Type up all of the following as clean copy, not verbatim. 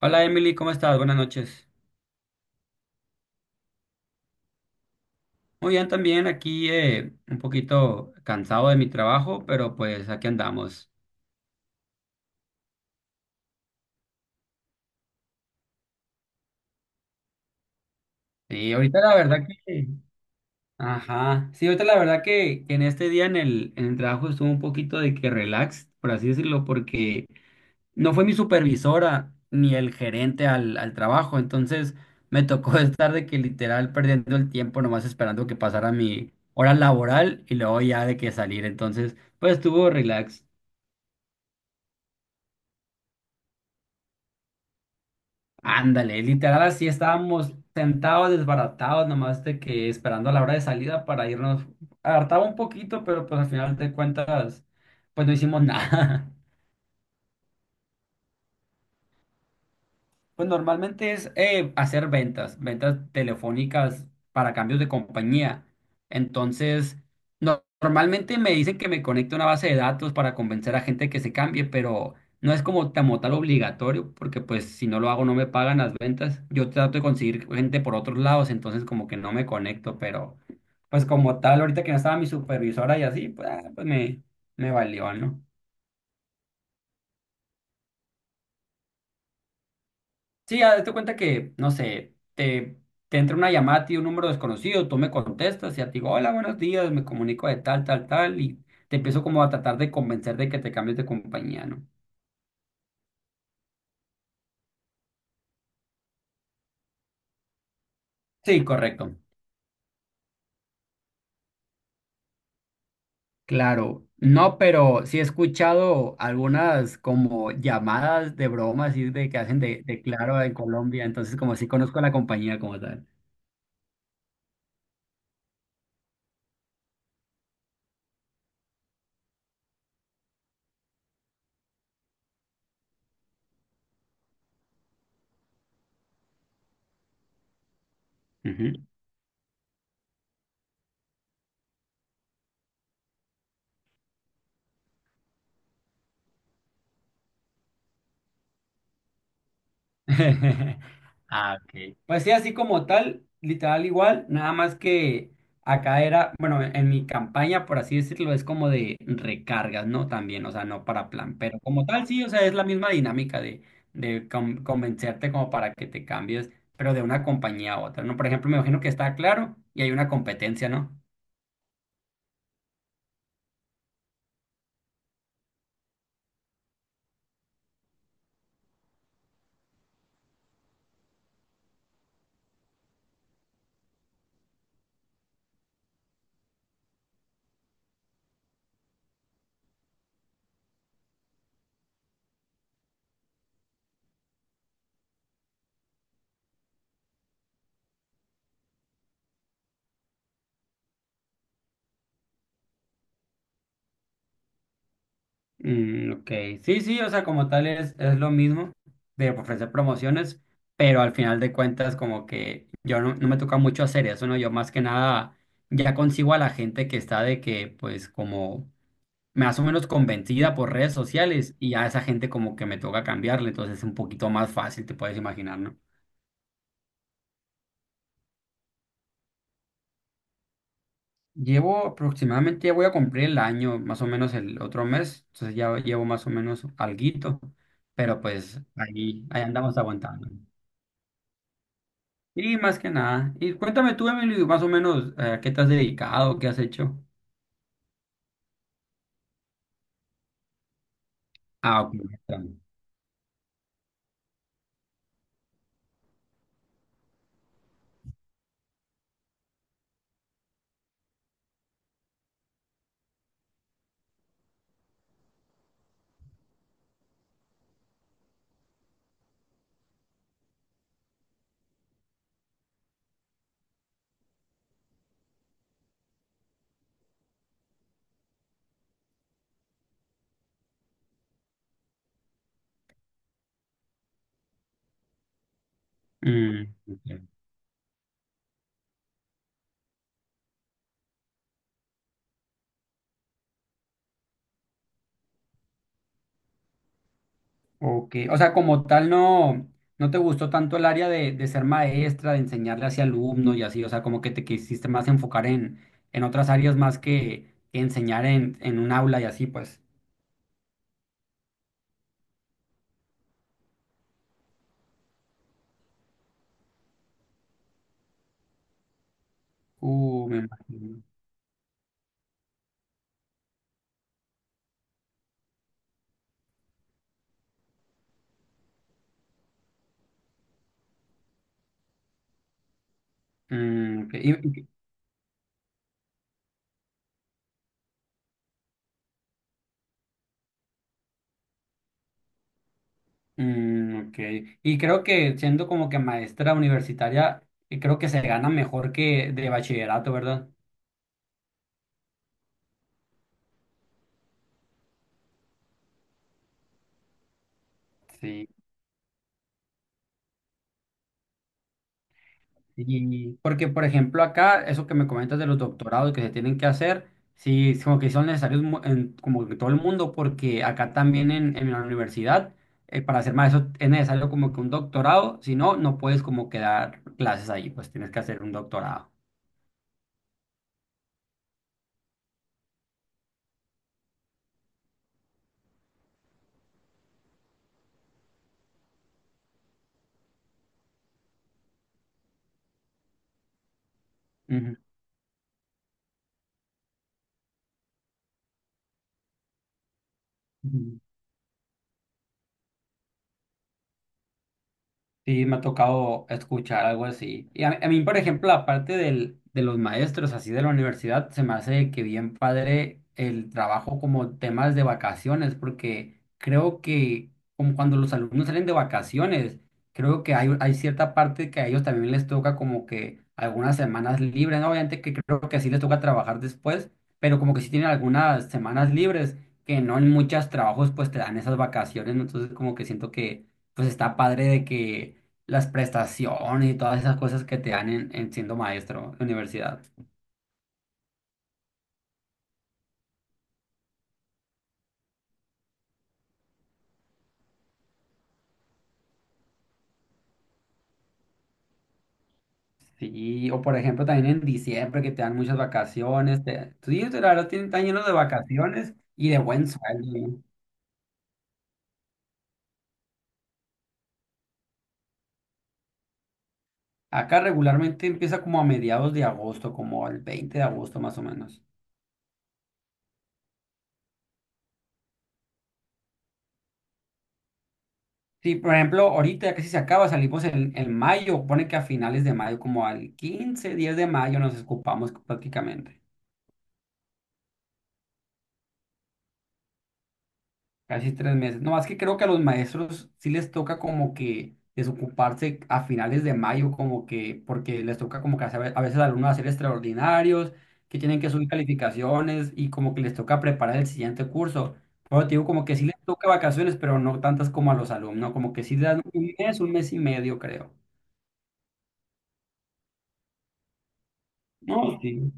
Hola Emily, ¿cómo estás? Buenas noches. Muy bien, también aquí un poquito cansado de mi trabajo, pero pues aquí andamos. Sí, ahorita la verdad que. Ajá. Sí, ahorita la verdad que en este día en el trabajo estuvo un poquito de que relax, por así decirlo, porque no fue mi supervisora ni el gerente al trabajo, entonces me tocó estar de que literal perdiendo el tiempo nomás esperando que pasara mi hora laboral y luego ya de que salir, entonces pues estuvo relax. Ándale, literal así estábamos sentados, desbaratados, nomás de que esperando a la hora de salida para irnos. Hartaba un poquito, pero pues al final de cuentas, pues no hicimos nada. Pues normalmente es hacer ventas, ventas telefónicas para cambios de compañía. Entonces, normalmente me dicen que me conecte a una base de datos para convencer a gente que se cambie, pero no es como, como tal obligatorio, porque pues si no lo hago no me pagan las ventas. Yo trato de conseguir gente por otros lados, entonces como que no me conecto, pero pues como tal, ahorita que no estaba mi supervisora y así, pues me valió, ¿no? Sí, ya date cuenta que, no sé, te entra una llamada a ti, un número desconocido, tú me contestas y ya te digo, hola, buenos días, me comunico de tal, tal, tal, y te empiezo como a tratar de convencer de que te cambies de compañía, ¿no? Sí, correcto. Claro, no, pero sí he escuchado algunas como llamadas de broma, así de que hacen de Claro en Colombia, entonces como sí conozco la compañía como tal. Ujú. Ah, ok. Pues sí, así como tal, literal igual, nada más que acá era, bueno, en mi campaña, por así decirlo, es como de recargas, ¿no? También, o sea, no para plan, pero como tal, sí, o sea, es la misma dinámica de convencerte como para que te cambies, pero de una compañía a otra, ¿no? Por ejemplo, me imagino que está claro y hay una competencia, ¿no? Mm, ok, sí, sí, o sea, como tal es lo mismo de ofrecer promociones, pero al final de cuentas como que yo no me toca mucho hacer eso, ¿no? Yo más que nada ya consigo a la gente que está de que pues como más o menos convencida por redes sociales y a esa gente como que me toca cambiarle, entonces es un poquito más fácil, te puedes imaginar, ¿no? Llevo aproximadamente, ya voy a cumplir el año, más o menos el otro mes, entonces ya llevo más o menos alguito, pero pues ahí andamos aguantando. Y más que nada. Y cuéntame tú, Emily, más o menos, ¿a qué te has dedicado? ¿Qué has hecho? Ah, ok. Ya está. Bien. Mm, ok. Ok, o sea, como tal, no te gustó tanto el área de ser maestra, de enseñarle hacia alumnos y así. O sea, como que te quisiste más enfocar en otras áreas más que enseñar en un aula y así, pues. Me imagino. Mm, ok. Y- ok. Y creo que siendo como que maestra universitaria, creo que se gana mejor que de bachillerato, ¿verdad? Sí, y porque por ejemplo acá, eso que me comentas de los doctorados que se tienen que hacer, sí, es como que son necesarios en, como en todo el mundo, porque acá también en la universidad, para hacer maestro es necesario como que un doctorado, si no, no puedes como que dar clases ahí, pues tienes que hacer un doctorado. Ujú. Sí, me ha tocado escuchar algo así. Y a mí, por ejemplo, aparte de los maestros así de la universidad, se me hace que bien padre el trabajo como temas de vacaciones, porque creo que como cuando los alumnos salen de vacaciones, creo que hay cierta parte que a ellos también les toca como que algunas semanas libres, ¿no? Obviamente que creo que sí les toca trabajar después, pero como que sí tienen algunas semanas libres, que no en muchos trabajos pues te dan esas vacaciones, ¿no? Entonces como que siento que pues está padre de que las prestaciones y todas esas cosas que te dan en siendo maestro de universidad. Sí, o por ejemplo también en diciembre que te dan muchas vacaciones. Sí, la verdad están llenos de vacaciones y de buen sueldo. Acá regularmente empieza como a mediados de agosto, como el 20 de agosto más o menos. Sí, por ejemplo, ahorita ya casi se acaba, salimos en mayo, pone que a finales de mayo, como al 15 10 de mayo nos escupamos prácticamente. Casi 3 meses. No, es que creo que a los maestros sí les toca como que desocuparse a finales de mayo, como que, porque les toca como que a veces a alumnos hacer extraordinarios, que tienen que subir calificaciones y como que les toca preparar el siguiente curso. Pero te digo, como que sí les toca vacaciones, pero no tantas como a los alumnos, como que sí dan un mes y medio, creo. No, sí.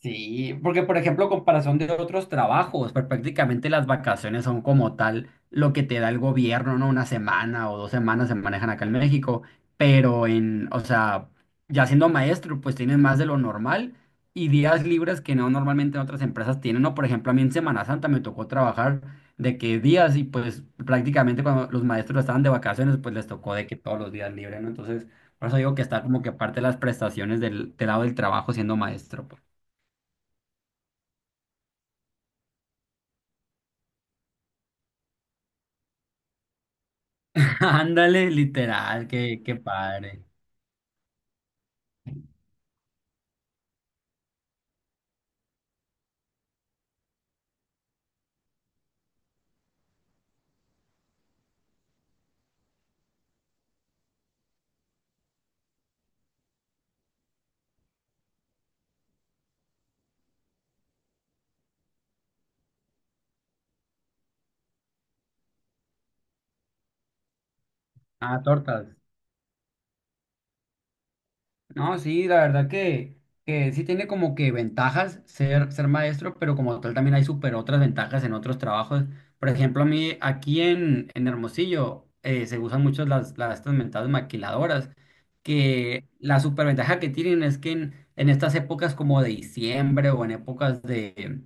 Sí, porque por ejemplo, comparación de otros trabajos, pues, prácticamente las vacaciones son como tal lo que te da el gobierno, ¿no? Una semana o dos semanas se manejan acá en México, pero o sea, ya siendo maestro, pues tienes más de lo normal y días libres que no normalmente en otras empresas tienen, ¿no? Por ejemplo, a mí en Semana Santa me tocó trabajar de que días y pues prácticamente cuando los maestros estaban de vacaciones, pues les tocó de que todos los días libres, ¿no? Entonces, por eso digo que está como que parte de las prestaciones del lado del trabajo siendo maestro, pues. Ándale, literal, qué padre. Ah, tortas. No, sí, la verdad que sí tiene como que ventajas ser maestro, pero como tal también hay súper otras ventajas en otros trabajos. Por ejemplo, a mí aquí en Hermosillo se usan mucho las estas mentadas maquiladoras, que la superventaja que tienen es que en estas épocas como de diciembre o en épocas de,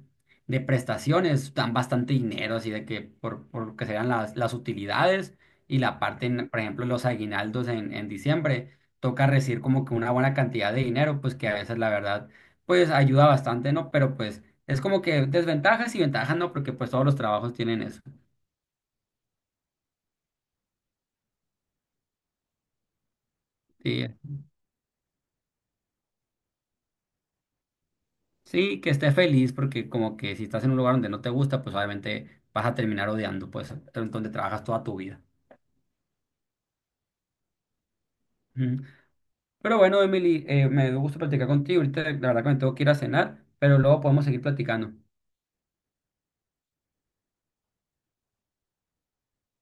de prestaciones dan bastante dinero, así de que por lo que sean las utilidades y la parte, en, por ejemplo, los aguinaldos en diciembre toca recibir como que una buena cantidad de dinero, pues que a veces la verdad, pues ayuda bastante, ¿no? Pero pues es como que desventajas y ventajas, ¿no? Porque pues todos los trabajos tienen eso. Y, sí, que esté feliz, porque como que si estás en un lugar donde no te gusta, pues obviamente vas a terminar odiando, pues, donde trabajas toda tu vida. Ujú. Pero bueno, Emily, me dio gusto platicar contigo. Ahorita la verdad que me tengo que ir a cenar, pero luego podemos seguir platicando.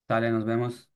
Dale, nos vemos.